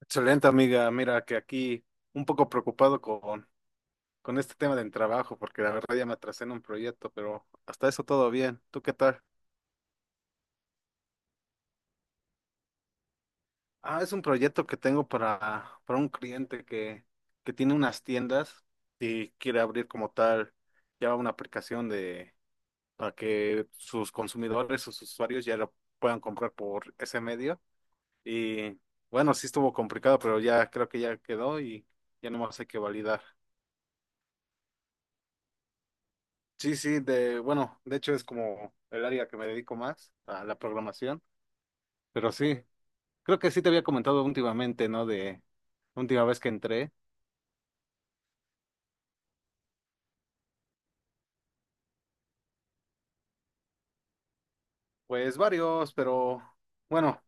Excelente, amiga. Mira que aquí un poco preocupado con este tema del trabajo, porque la verdad ya me atrasé en un proyecto, pero hasta eso todo bien. ¿Tú qué tal? Ah, es un proyecto que tengo para un cliente que tiene unas tiendas y quiere abrir como tal ya una aplicación de para que sus consumidores, sus usuarios ya lo puedan comprar por ese medio. Y bueno, sí estuvo complicado, pero ya creo que ya quedó y ya nomás hay que validar. Sí, sí, de, bueno, de hecho es como el área que me dedico más a la programación, pero sí, creo que sí te había comentado últimamente, ¿no? De última vez que entré, pues varios, pero bueno,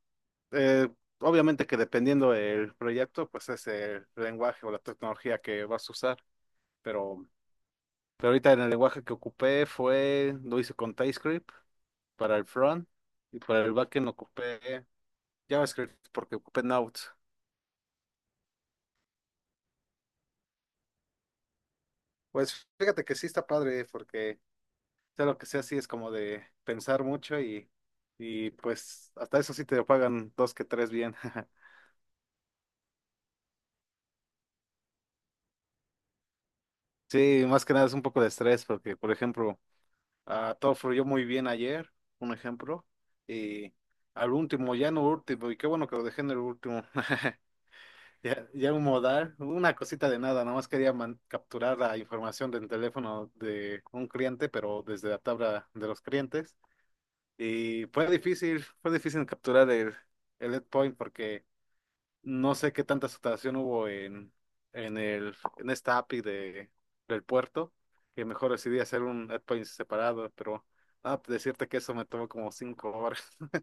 eh, obviamente que dependiendo del proyecto, pues es el lenguaje o la tecnología que vas a usar, pero, pero ahorita en el lenguaje que ocupé fue, lo hice con TypeScript para el front y para el backend ocupé JavaScript porque ocupé Node. Pues fíjate que sí está padre porque sea lo que sea, sí es como de pensar mucho y pues hasta eso sí te pagan dos que tres bien. Sí, más que nada es un poco de estrés porque, por ejemplo, todo fluyó muy bien ayer, un ejemplo, y al último, ya no último, y qué bueno que lo dejé en el último, ya, ya un modal, una cosita de nada, nada más quería capturar la información del teléfono de un cliente, pero desde la tabla de los clientes, y fue difícil capturar el endpoint porque no sé qué tanta saturación hubo en esta API del puerto, que mejor decidí hacer un endpoint separado, pero pues, decirte que eso me tomó como 5 horas.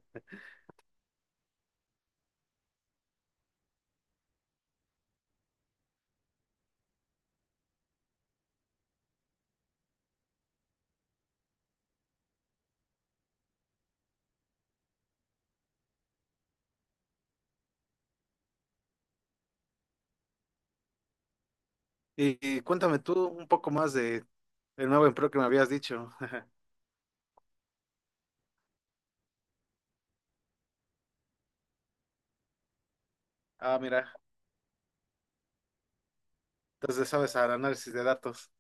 Y cuéntame tú un poco más de el nuevo empleo que me habías dicho. Ah, mira, entonces sabes al análisis de datos.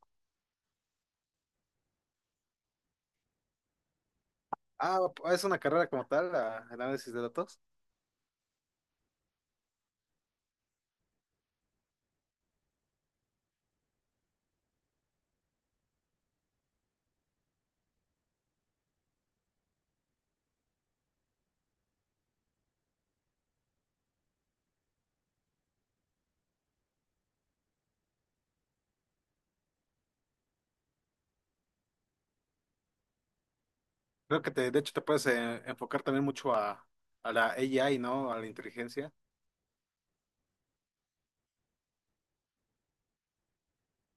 Ah, es una carrera como tal, análisis de datos. Creo que te, de hecho te puedes enfocar también mucho a la AI, ¿no? A la inteligencia.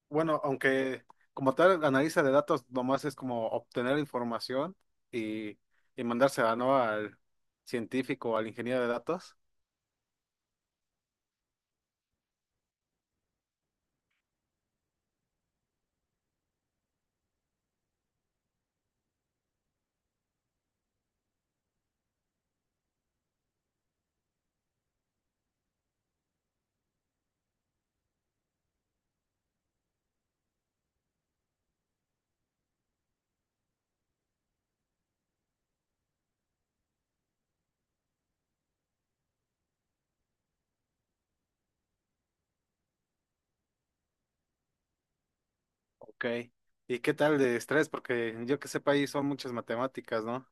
Bueno, aunque como tal, analista de datos nomás es como obtener información y, y mandársela, ¿no? Al científico o al ingeniero de datos. Ok. ¿Y qué tal de estrés? Porque yo que sepa ahí son muchas matemáticas, ¿no?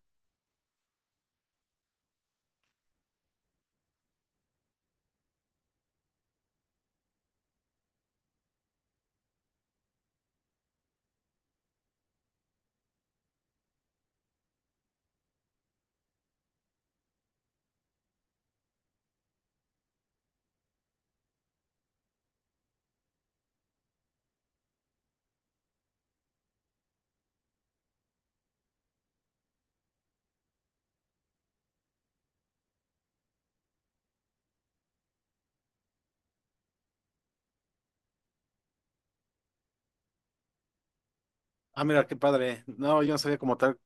Ah, mira, qué padre. No, yo no sabía como tal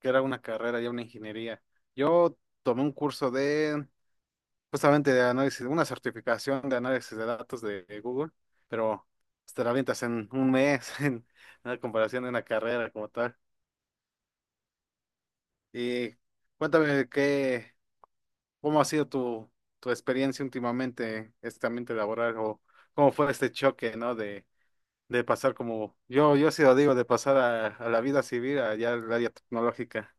que era una carrera, ya una ingeniería. Yo tomé un justamente de análisis, una certificación de análisis de datos de Google, pero pues, te la avientas en un mes, en comparación de una carrera como tal. Y cuéntame qué, cómo ha sido tu, tu experiencia últimamente, este ambiente laboral, o cómo fue este choque, ¿no? De pasar como, yo sí lo digo, de pasar a la vida civil, allá al área tecnológica.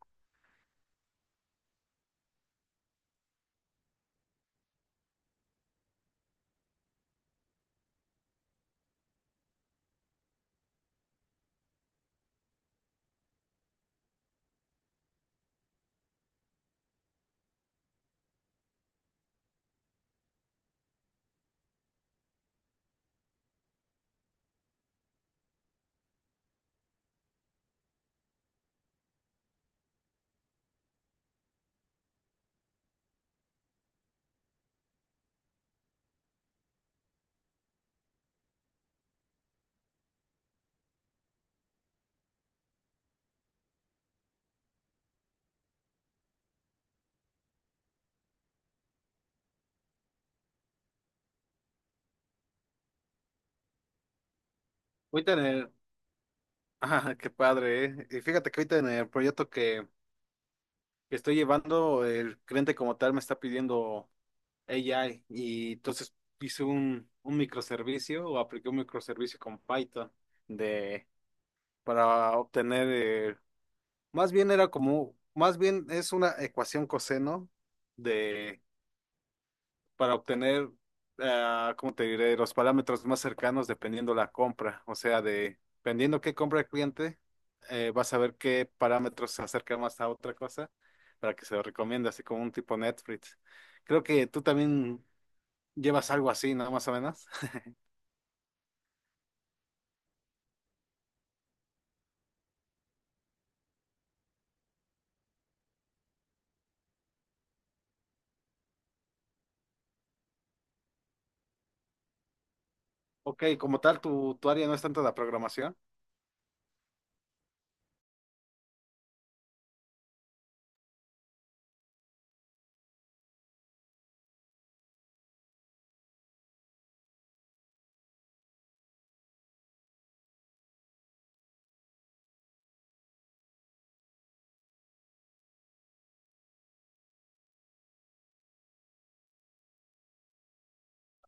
Ahorita en el, ah, qué padre, ¿eh? Y fíjate que ahorita en el proyecto que estoy llevando, el cliente como tal me está pidiendo AI, y entonces hice un microservicio, o apliqué un microservicio con Python de para obtener. Más bien era como, más bien es una ecuación coseno de, para obtener, ah, ¿cómo te diré? Los parámetros más cercanos dependiendo la compra. O sea, de, dependiendo qué compra el cliente, vas a ver qué parámetros se acercan más a otra cosa para que se lo recomiende, así como un tipo Netflix. Creo que tú también llevas algo así, ¿no? Más o menos. Ok, como tal, tu área no es tanto la programación.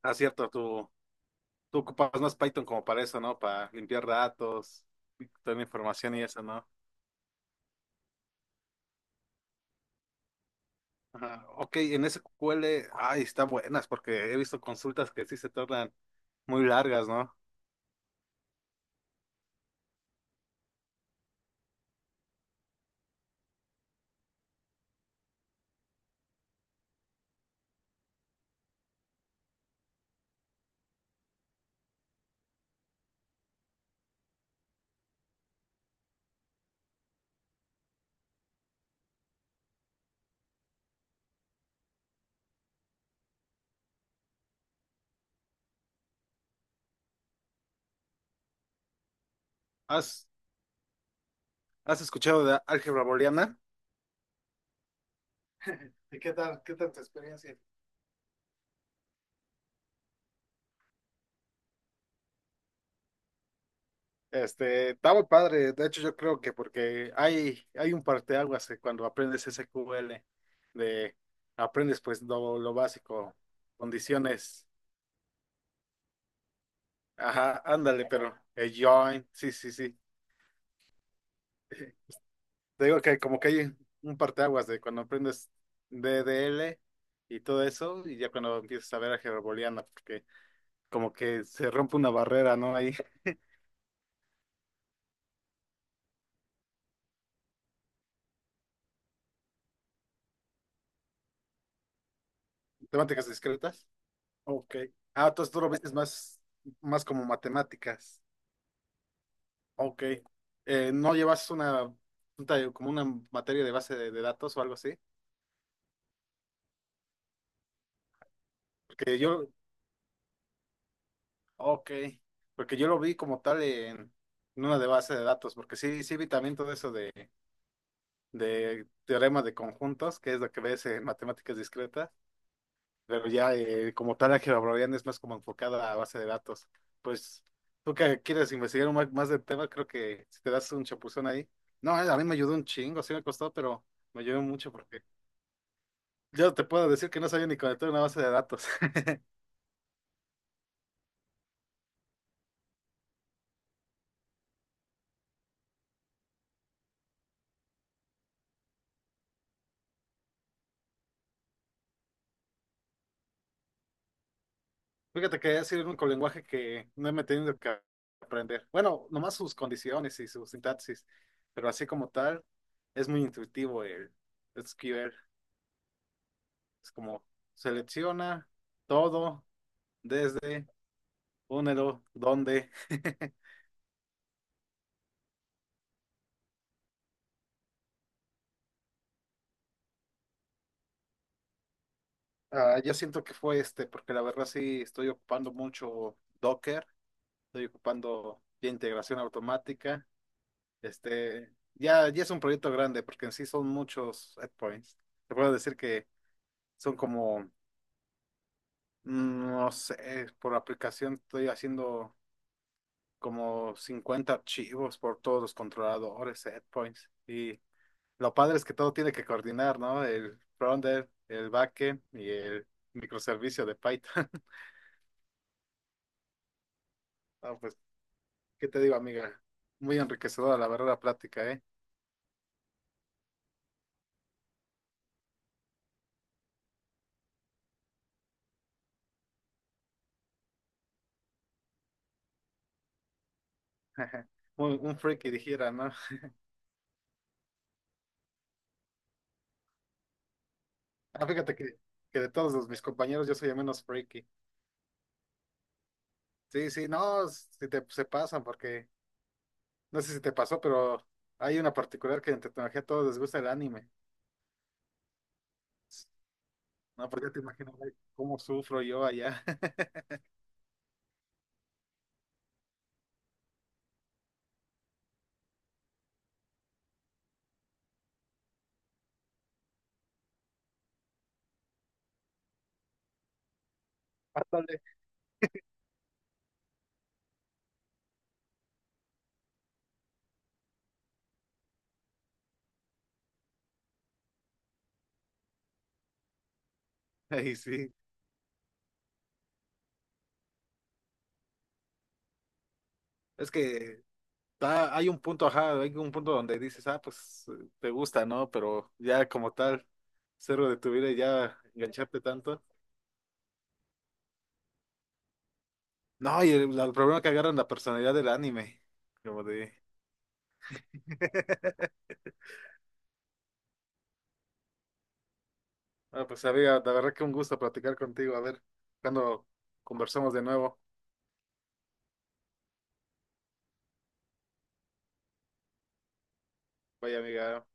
Ah, cierto, tu, tú ocupas más Python como para eso, ¿no? Para limpiar datos, toda la información y eso, ¿no? Ajá. Ok, en SQL, ay, está buenas porque he visto consultas que sí se tornan muy largas, ¿no? ¿Has, has escuchado de álgebra booleana? ¿Y qué tal tu experiencia? Este, está muy padre, de hecho yo creo que porque hay un parteaguas que cuando aprendes SQL, de aprendes pues lo básico, condiciones, ajá, ándale, pero el join, sí, sí, sí. Te digo que como que hay un parteaguas de cuando aprendes DDL y todo eso, y ya cuando empiezas a ver álgebra booleana, porque como que se rompe una barrera, ¿no? Ahí. Temáticas discretas. Ok. Ah, entonces tú lo ves más, más como matemáticas. Ok. ¿No llevas una, un taller- como una materia de base de datos o algo así? Porque yo, ok, porque yo lo vi como tal en una de base de datos, porque sí, sí vi también todo eso de teorema de conjuntos, que es lo que ves en matemáticas discretas, pero ya como tal álgebra browniana es más como enfocada a base de datos. Pues tú que quieres investigar un más del tema, creo que si te das un chapuzón ahí. No, a mí me ayudó un chingo, sí me costó, pero me ayudó mucho porque yo te puedo decir que no sabía ni conectar una base de datos. Fíjate que ha sido el único lenguaje que no me he tenido que aprender. Bueno, nomás sus condiciones y su sintaxis, pero así como tal, es muy intuitivo el SQL. Es como selecciona todo desde únelo, dónde. Ah, yo siento que fue este, porque la verdad sí estoy ocupando mucho Docker, estoy ocupando ya integración automática. Este, ya, ya es un proyecto grande, porque en sí son muchos endpoints. Te puedo decir que son como, mm, no sé, por aplicación estoy haciendo como 50 archivos por todos los controladores, endpoints. Y lo padre es que todo tiene que coordinar, ¿no? El frontend, el backend y el microservicio de Python. No, pues, ¿qué te digo, amiga? Muy enriquecedora la verdad la plática, ¿eh? Un freaky dijera, ¿no? Ah, fíjate que de todos mis compañeros yo soy el menos freaky. Sí, sí, no, si te, se pasan porque, no sé si te pasó, pero hay una particular que en tecnología a todos les gusta el anime. No, porque ya te imaginas ay, cómo sufro yo allá. Ándale. Ay, sí. Es que ah, hay un punto, ajá, hay un punto donde dices, ah, pues te gusta, ¿no? Pero ya como tal, cero de tu vida y ya engancharte tanto. No, y el problema que agarran la personalidad del anime. Como de. Ah, pues amiga, la verdad que un gusto platicar contigo. A ver, cuando conversamos de nuevo. Vaya amiga.